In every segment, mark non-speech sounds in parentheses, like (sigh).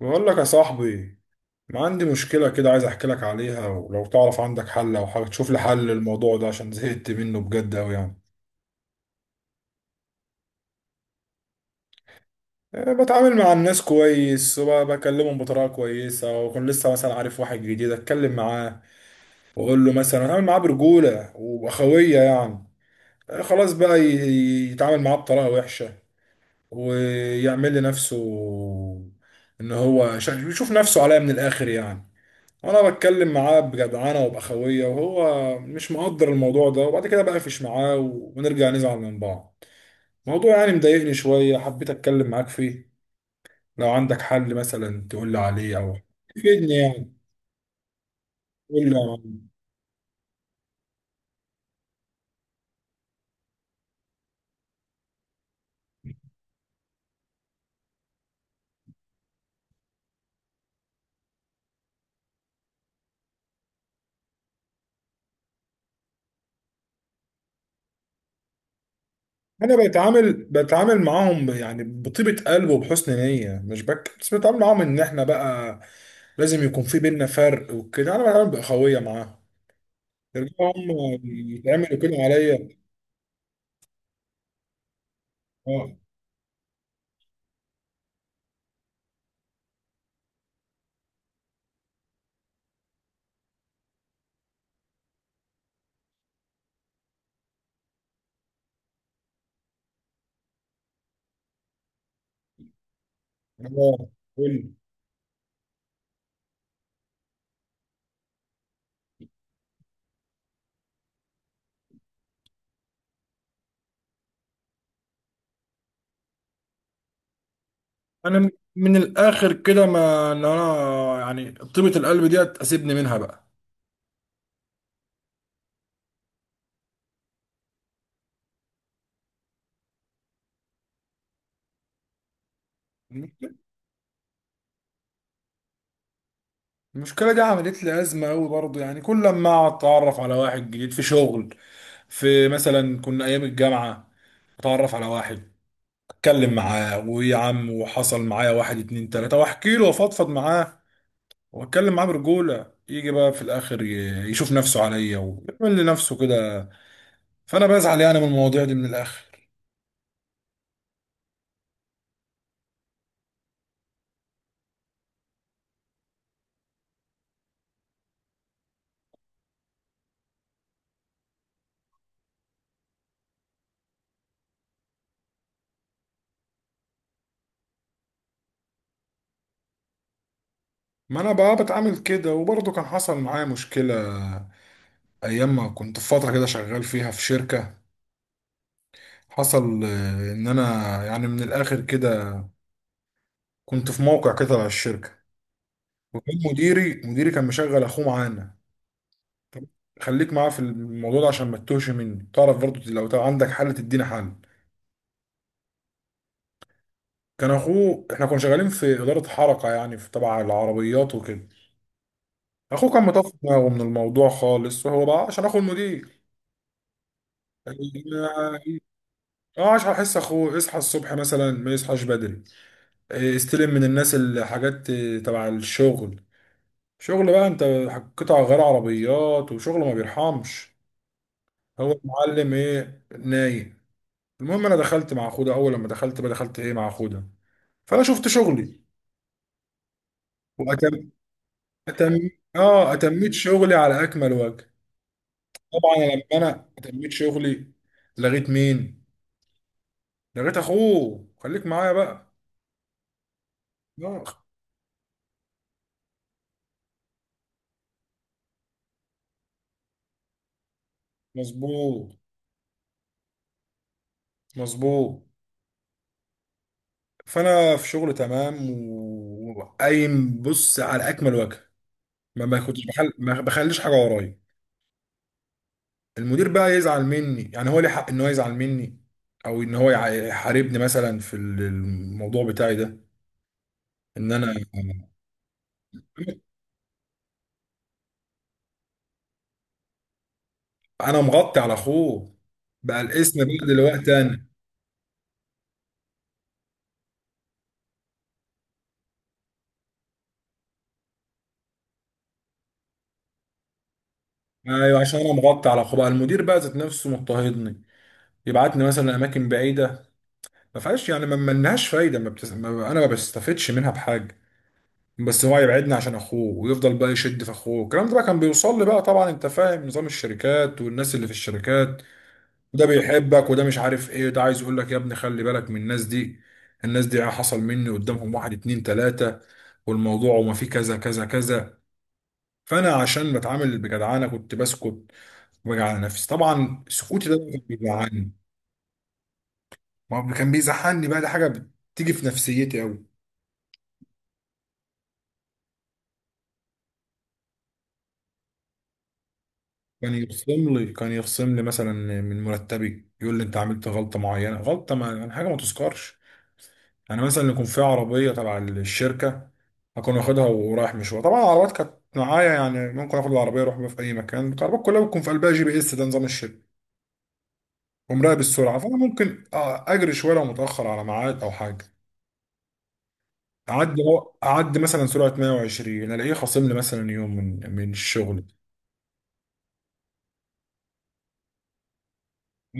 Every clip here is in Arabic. بقول لك يا صاحبي، ما عندي مشكلة كده عايز احكي لك عليها، ولو تعرف عندك حل او حاجة تشوف لي حل للموضوع ده عشان زهقت منه بجد اوي يعني. أه، بتعامل مع الناس كويس وبكلمهم بطريقة كويسة وأكون لسه مثلا عارف واحد جديد أتكلم معاه وأقول له مثلا أتعامل معاه برجولة وأخوية يعني. أه، خلاص بقى يتعامل معاه بطريقة وحشة ويعمل لنفسه إن هو يشوف نفسه عليا من الآخر يعني. انا بتكلم معاه بجدعنه وباخويه وهو مش مقدر الموضوع ده وبعد كده بقفش معاه ونرجع نزعل من بعض. موضوع يعني مضايقني شويه حبيت اتكلم معاك فيه، لو عندك حل مثلا تقول لي عليه او تفيدني يعني. قول لي يا معلم. انا بتعامل معاهم يعني بطيبه قلب وبحسن نيه مش بك، بس بتعامل معاهم ان احنا بقى لازم يكون في بينا فرق وكده، انا بتعامل باخويه معاهم. يرجعوا هم يتعملوا كده عليا. اه اه قول لي. انا من الاخر كده، ما ان انا يعني طيبة القلب دي اسيبني منها بقى. المشكله دي عملت لي ازمه قوي برضه، يعني كل لما اتعرف على واحد جديد في شغل، في مثلا كنا ايام الجامعه اتعرف على واحد اتكلم معاه ويا عم، وحصل معايا واحد اتنين تلاته واحكي له وافضفض معاه واتكلم معاه برجوله، يجي بقى في الاخر يشوف نفسه عليا ويعمل لنفسه كده. فانا بزعل يعني من المواضيع دي من الاخر. ما انا بقى بتعامل كده وبرضه كان حصل معايا مشكلة ايام ما كنت في فترة كده شغال فيها في شركة. حصل ان انا يعني من الاخر كده كنت في موقع كده على الشركة، وكان مديري كان مشغل اخوه معانا. طب خليك معاه في الموضوع ده عشان ما تتوهش مني، تعرف برضه لو عندك حل تدينا حل. كان اخوه، احنا كنا شغالين في إدارة حركة يعني في تبع العربيات وكده. اخوه كان مطفي دماغه من الموضوع خالص، وهو بقى عشان اخو المدير اه، اصحى احس اخوه يصحى الصبح مثلا ما يصحاش بدري. إيه، يستلم من الناس الحاجات إيه، تبع الشغل. شغل بقى انت، قطع غير عربيات وشغل ما بيرحمش. هو المعلم ايه نايم. المهم انا دخلت مع اخوه ده، اول لما دخلت بقى دخلت ايه مع اخوه ده، فانا شفت شغلي واتم أتم... اه اتميت شغلي على اكمل وجه. طبعا لما انا اتميت شغلي لغيت مين، لغيت اخوه خليك معايا بقى. آه، مظبوط مظبوط. فانا في شغل تمام وقايم بص على اكمل وجه، ما باخدش بحل ما بخليش حاجه ورايا. المدير بقى يزعل مني يعني، هو ليه حق ان هو يزعل مني او ان هو يحاربني مثلا في الموضوع بتاعي ده، ان انا (laughs) انا مغطي على اخوه، بقى الاسم بقى دلوقتي انا. ايوه عشان انا مغطي على اخوه بقى المدير بقى ذات نفسه مضطهدني، يبعتني مثلا اماكن بعيده ما فيهاش، يعني ما لهاش فايده، ما انا ما بستفدش منها بحاجه، بس هو يبعدنا عشان اخوه ويفضل بقى يشد في اخوه. الكلام ده بقى كان بيوصل لي بقى، طبعا انت فاهم نظام الشركات والناس اللي في الشركات، وده بيحبك وده مش عارف ايه، ده عايز يقول لك يا ابني خلي بالك من الناس دي. الناس دي حصل مني قدامهم واحد اتنين تلاتة والموضوع وما فيه كذا كذا كذا. فانا عشان بتعامل بجدعانه كنت بسكت وبجي على نفسي. طبعا سكوتي ده كان بيجعلني، ما هو كان بيزعلني بقى، ده حاجه بتيجي في نفسيتي قوي. كان يخصم لي مثلا من مرتبي، يقول لي انت عملت غلطه معينه، غلطه ما يعني حاجه ما تذكرش. يعني مثلا يكون في عربيه تبع الشركه اكون واخدها ورايح مشوار، طبعا العربيات كانت معايا يعني ممكن اخد العربيه اروح بيها في اي مكان، العربيات كلها بتكون في قلبها جي بي اس، ده نظام الشركه ومراقب السرعه. فانا ممكن اجري شويه لو متاخر على ميعاد او حاجه، اعدي اعدي مثلا سرعه 120 الاقيه خاصم لي مثلا يوم من الشغل.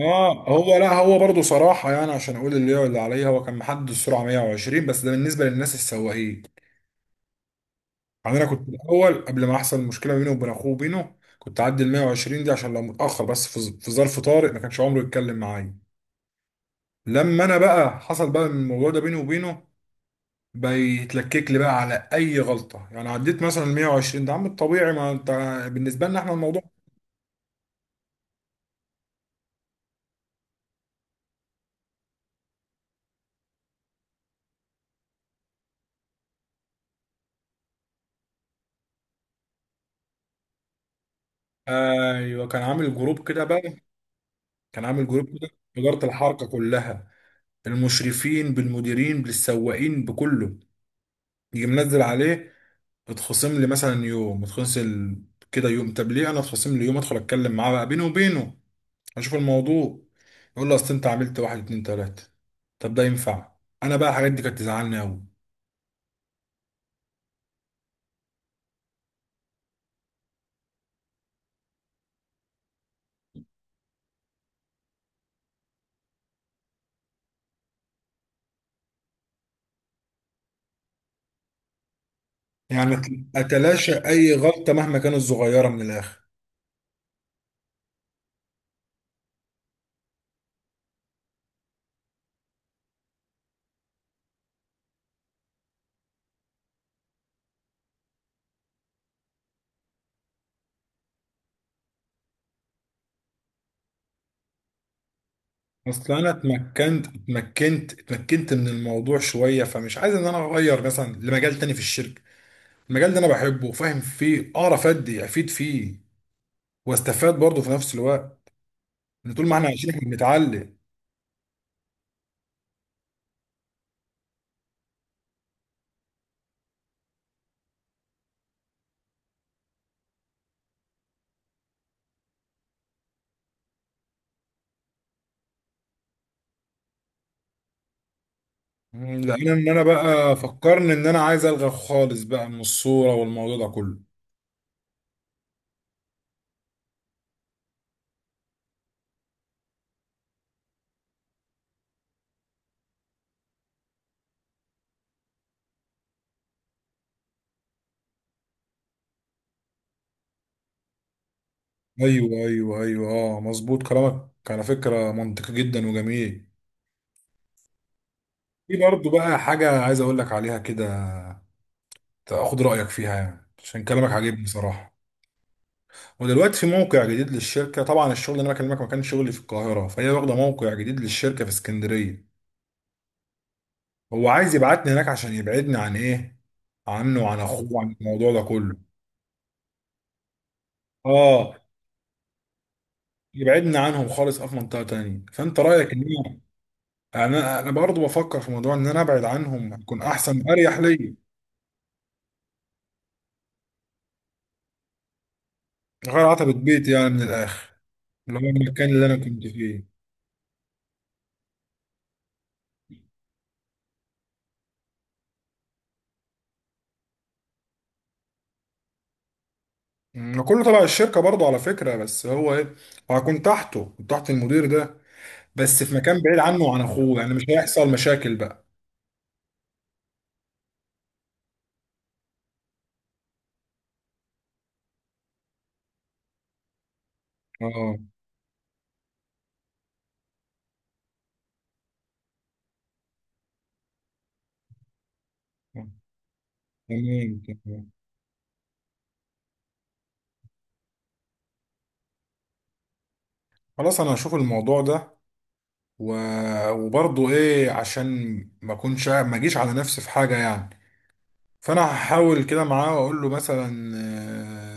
اه، هو لا هو برضه صراحه يعني عشان اقول اللي هو اللي عليا، هو كان محدد السرعه 120 بس ده بالنسبه للناس السواقين، يعني انا كنت الاول قبل ما احصل مشكله بيني وبين اخوه وبينه كنت اعدي ال 120 دي عشان لو متاخر، بس في في ظرف طارئ ما كانش عمره يتكلم معايا. لما انا بقى حصل بقى الموضوع ده بيني وبينه بيتلكك لي بقى على اي غلطه، يعني عديت مثلا ال 120 ده عم الطبيعي، ما انت بالنسبه لنا احنا الموضوع. ايوه كان عامل جروب كده بقى، كان عامل جروب كده إدارة الحركة كلها المشرفين بالمديرين بالسواقين بكله، يجي منزل عليه. اتخصم لي مثلا يوم اتخصم كده يوم، طب ليه انا اتخصم لي يوم؟ ادخل اتكلم معاه بقى بيني وبينه اشوف الموضوع، يقول له اصل انت عملت واحد اتنين تلاته، طب ده ينفع؟ انا بقى الحاجات دي كانت تزعلني قوي. يعني اتلاشى اي غلطه مهما كانت صغيره من الاخر. اصل انا اتمكنت من الموضوع شويه، فمش عايز ان انا اغير مثلا لمجال تاني في الشركه. المجال ده انا بحبه وفاهم فيه اعرف ادي افيد فيه واستفاد برضه في نفس الوقت، ان طول ما احنا عايشين احنا بنتعلم. لان ان انا بقى فكرني ان انا عايز الغى خالص بقى من الصورة والموضوع ده كله. ايوه ايوه ايوه اه، مظبوط كلامك على فكرة منطقي جدا وجميل. في برضه بقى حاجة عايز اقول لك عليها كده، تاخد رأيك فيها يعني عشان كلامك عاجبني صراحة. ودلوقتي في موقع جديد للشركة، طبعا الشغل اللي انا بكلمك ما كانش شغلي في القاهرة، فهي واخدة موقع جديد للشركة في اسكندرية. هو عايز يبعتني هناك عشان يبعدني عن ايه، عنه وعن اخوه. وعن الموضوع ده كله. اه يبعدني عنهم خالص في منطقه تانية، فانت رايك ان انا، يعني انا برضه بفكر في موضوع ان انا ابعد عنهم هتكون احسن واريح ليا. غير عتبه بيتي يعني من الاخر، اللي هو المكان اللي انا كنت فيه. كله تبع الشركه برضه على فكره، بس هو ايه، هكون تحته، كنت تحت المدير ده بس في مكان بعيد عنه وعن اخوه يعني مش هيحصل مشاكل بقى. اه آه. تمام تمام. خلاص انا هشوف الموضوع ده و... وبرضه ايه عشان ما اكونش ما اجيش على نفسي في حاجه يعني. فانا هحاول كده معاه واقول له مثلا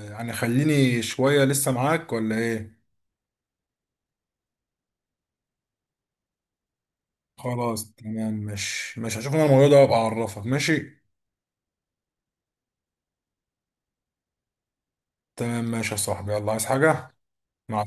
آه، يعني خليني شويه لسه معاك ولا ايه. خلاص تمام، مش هشوف انا الموضوع ده وابقى اعرفك ماشي. تمام ماشي يا صاحبي، يلا عايز حاجه. مع